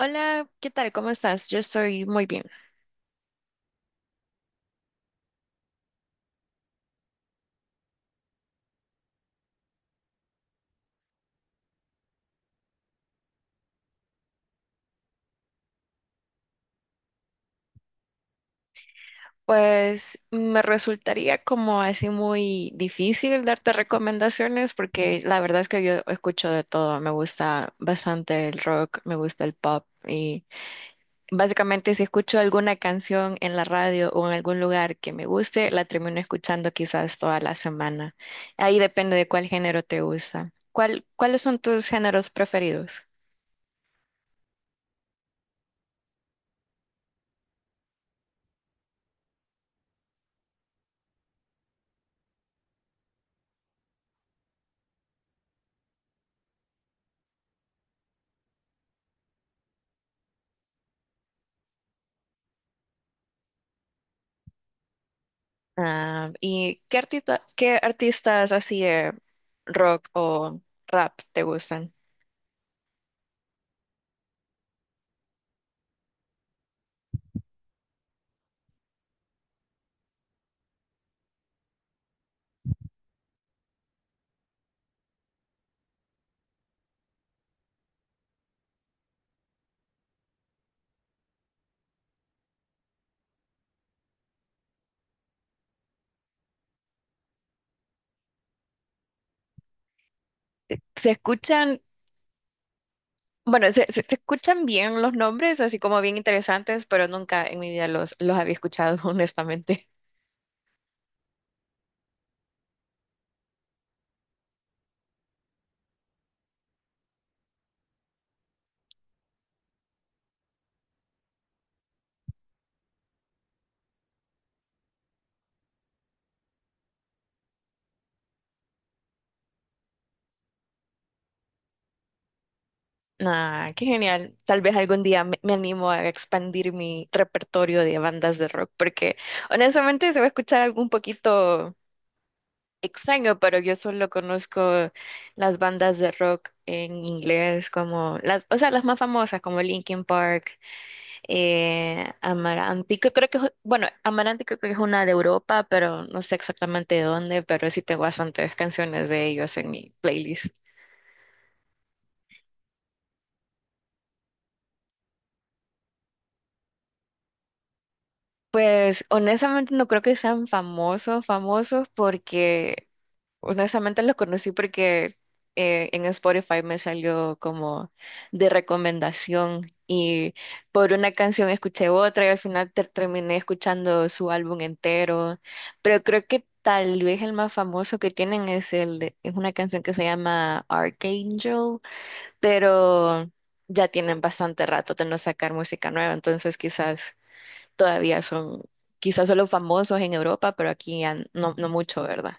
Hola, ¿qué tal? ¿Cómo estás? Yo estoy muy bien. Pues me resultaría como así muy difícil darte recomendaciones porque la verdad es que yo escucho de todo. Me gusta bastante el rock, me gusta el pop y básicamente si escucho alguna canción en la radio o en algún lugar que me guste, la termino escuchando quizás toda la semana. Ahí depende de cuál género te gusta. ¿Cuál, cuáles son tus géneros preferidos? Ah, ¿y qué artista, qué artistas así de rock o rap te gustan? Se escuchan, bueno, se escuchan bien los nombres, así como bien interesantes, pero nunca en mi vida los había escuchado, honestamente. Ah, qué genial. Tal vez algún día me animo a expandir mi repertorio de bandas de rock, porque honestamente se va a escuchar algo un poquito extraño, pero yo solo conozco las bandas de rock en inglés como las, o sea, las más famosas como Linkin Park, Amaranti, que creo que es, bueno, Amaranti que creo que es una de Europa, pero no sé exactamente de dónde, pero sí tengo bastantes canciones de ellos en mi playlist. Pues honestamente no creo que sean famosos, famosos porque honestamente los conocí porque en Spotify me salió como de recomendación y por una canción escuché otra y al final terminé escuchando su álbum entero. Pero creo que tal vez el más famoso que tienen es es una canción que se llama Archangel, pero ya tienen bastante rato de no sacar música nueva, entonces quizás todavía son, quizás solo famosos en Europa, pero aquí ya no, no mucho, ¿verdad?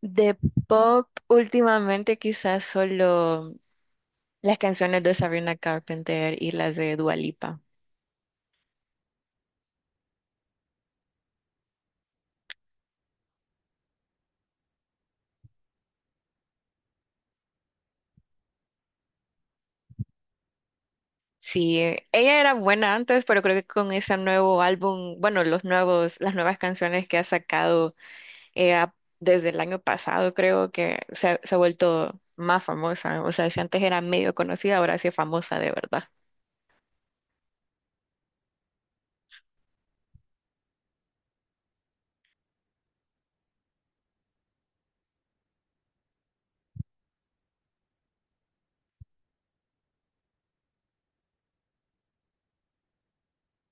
De pop, últimamente quizás solo las canciones de Sabrina Carpenter y las de Dua Lipa. Sí, ella era buena antes, pero creo que con ese nuevo álbum, bueno, los nuevos, las nuevas canciones que ha sacado eh, a- desde el año pasado, creo que se ha vuelto más famosa. O sea, si antes era medio conocida, ahora sí es famosa de verdad.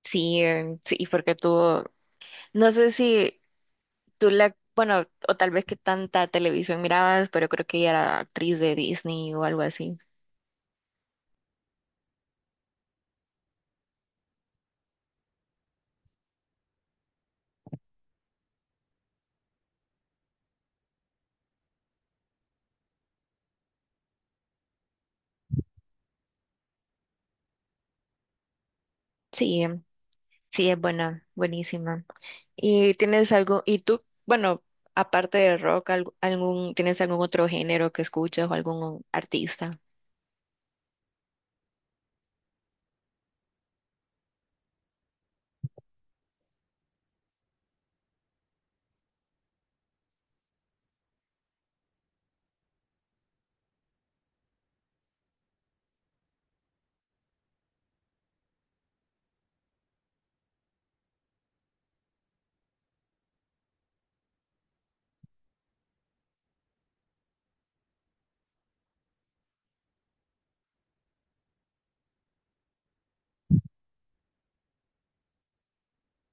Sí, sí, porque tuvo, no sé si tú la, bueno, o tal vez que tanta televisión mirabas, pero creo que ella era actriz de Disney o algo así. Sí, sí, es buena, buenísima. ¿Y tienes algo, y tú, bueno, aparte de rock, algún, ¿tienes algún otro género que escuchas o algún artista?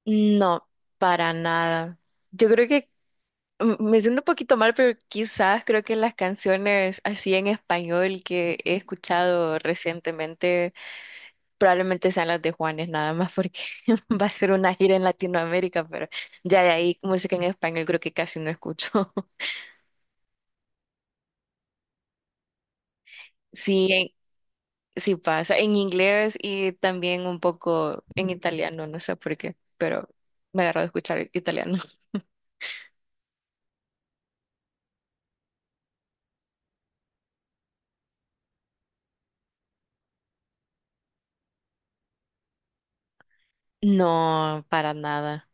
No, para nada. Yo creo que me siento un poquito mal, pero quizás creo que las canciones así en español que he escuchado recientemente probablemente sean las de Juanes nada más porque va a ser una gira en Latinoamérica, pero ya de ahí música en español creo que casi no escucho. Sí, sí pasa en inglés y también un poco en italiano, no sé por qué, pero me agarro de escuchar italiano. No, para nada.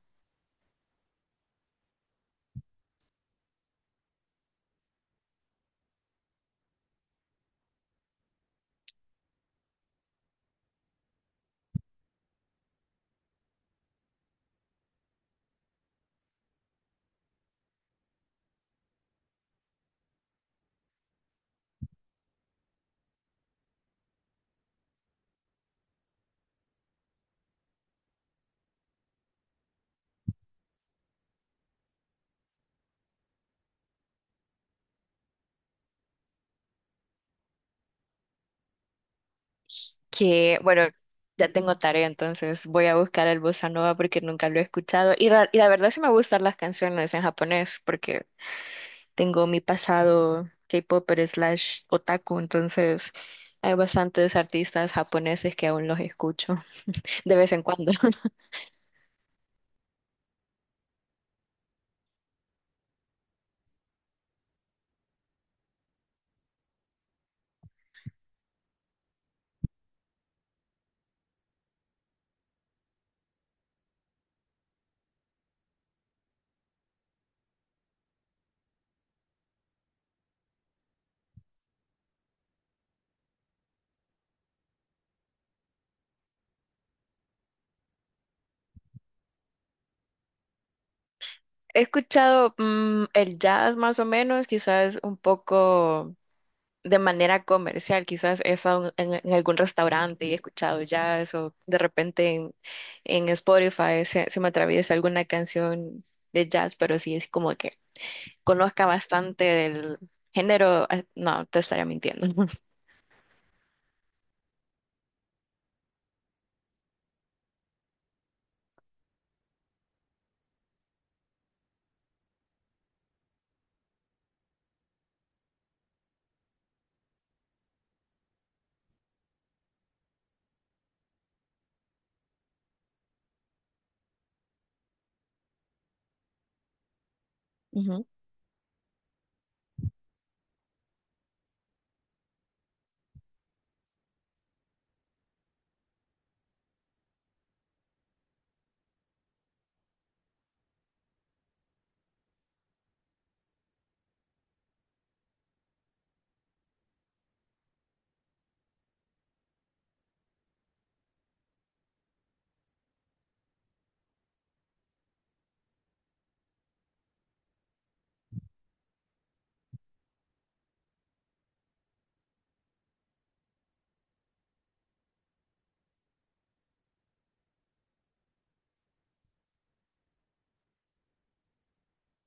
Que bueno, ya tengo tarea, entonces voy a buscar el bossa nova porque nunca lo he escuchado y la verdad sí me gustan las canciones en japonés porque tengo mi pasado K-popper slash otaku, entonces hay bastantes artistas japoneses que aún los escucho de vez en cuando. He escuchado el jazz más o menos, quizás un poco de manera comercial, quizás he estado en algún restaurante y he escuchado jazz o de repente en Spotify se me atraviesa alguna canción de jazz, pero sí es como que conozca bastante del género, ah, no, te estaría mintiendo. Ujú.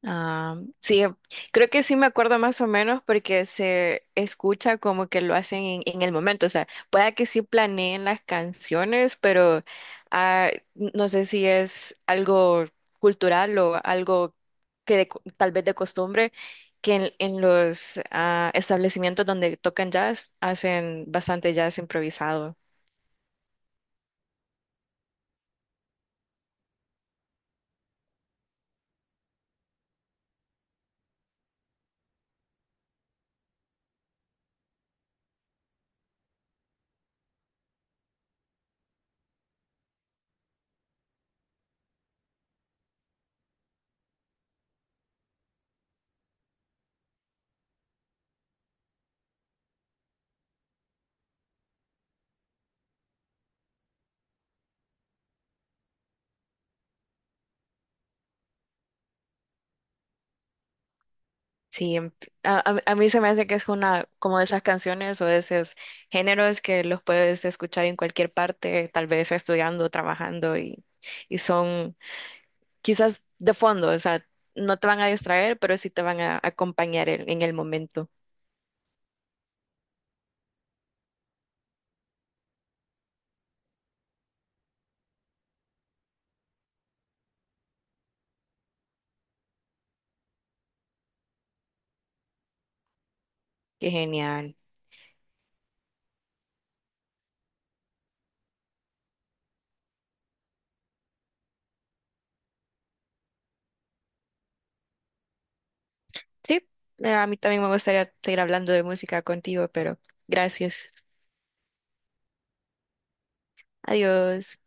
Ah, sí, creo que sí me acuerdo más o menos porque se escucha como que lo hacen en el momento. O sea, pueda que sí planeen las canciones, pero ah, no sé si es algo cultural o algo que tal vez de costumbre, que en los establecimientos donde tocan jazz hacen bastante jazz improvisado. Sí, a mí se me hace que es una como de esas canciones o de esos géneros que los puedes escuchar en cualquier parte, tal vez estudiando, trabajando y son quizás de fondo, o sea, no te van a distraer, pero sí te van a acompañar en el momento. Qué genial. Sí, a mí también me gustaría seguir hablando de música contigo, pero gracias. Adiós.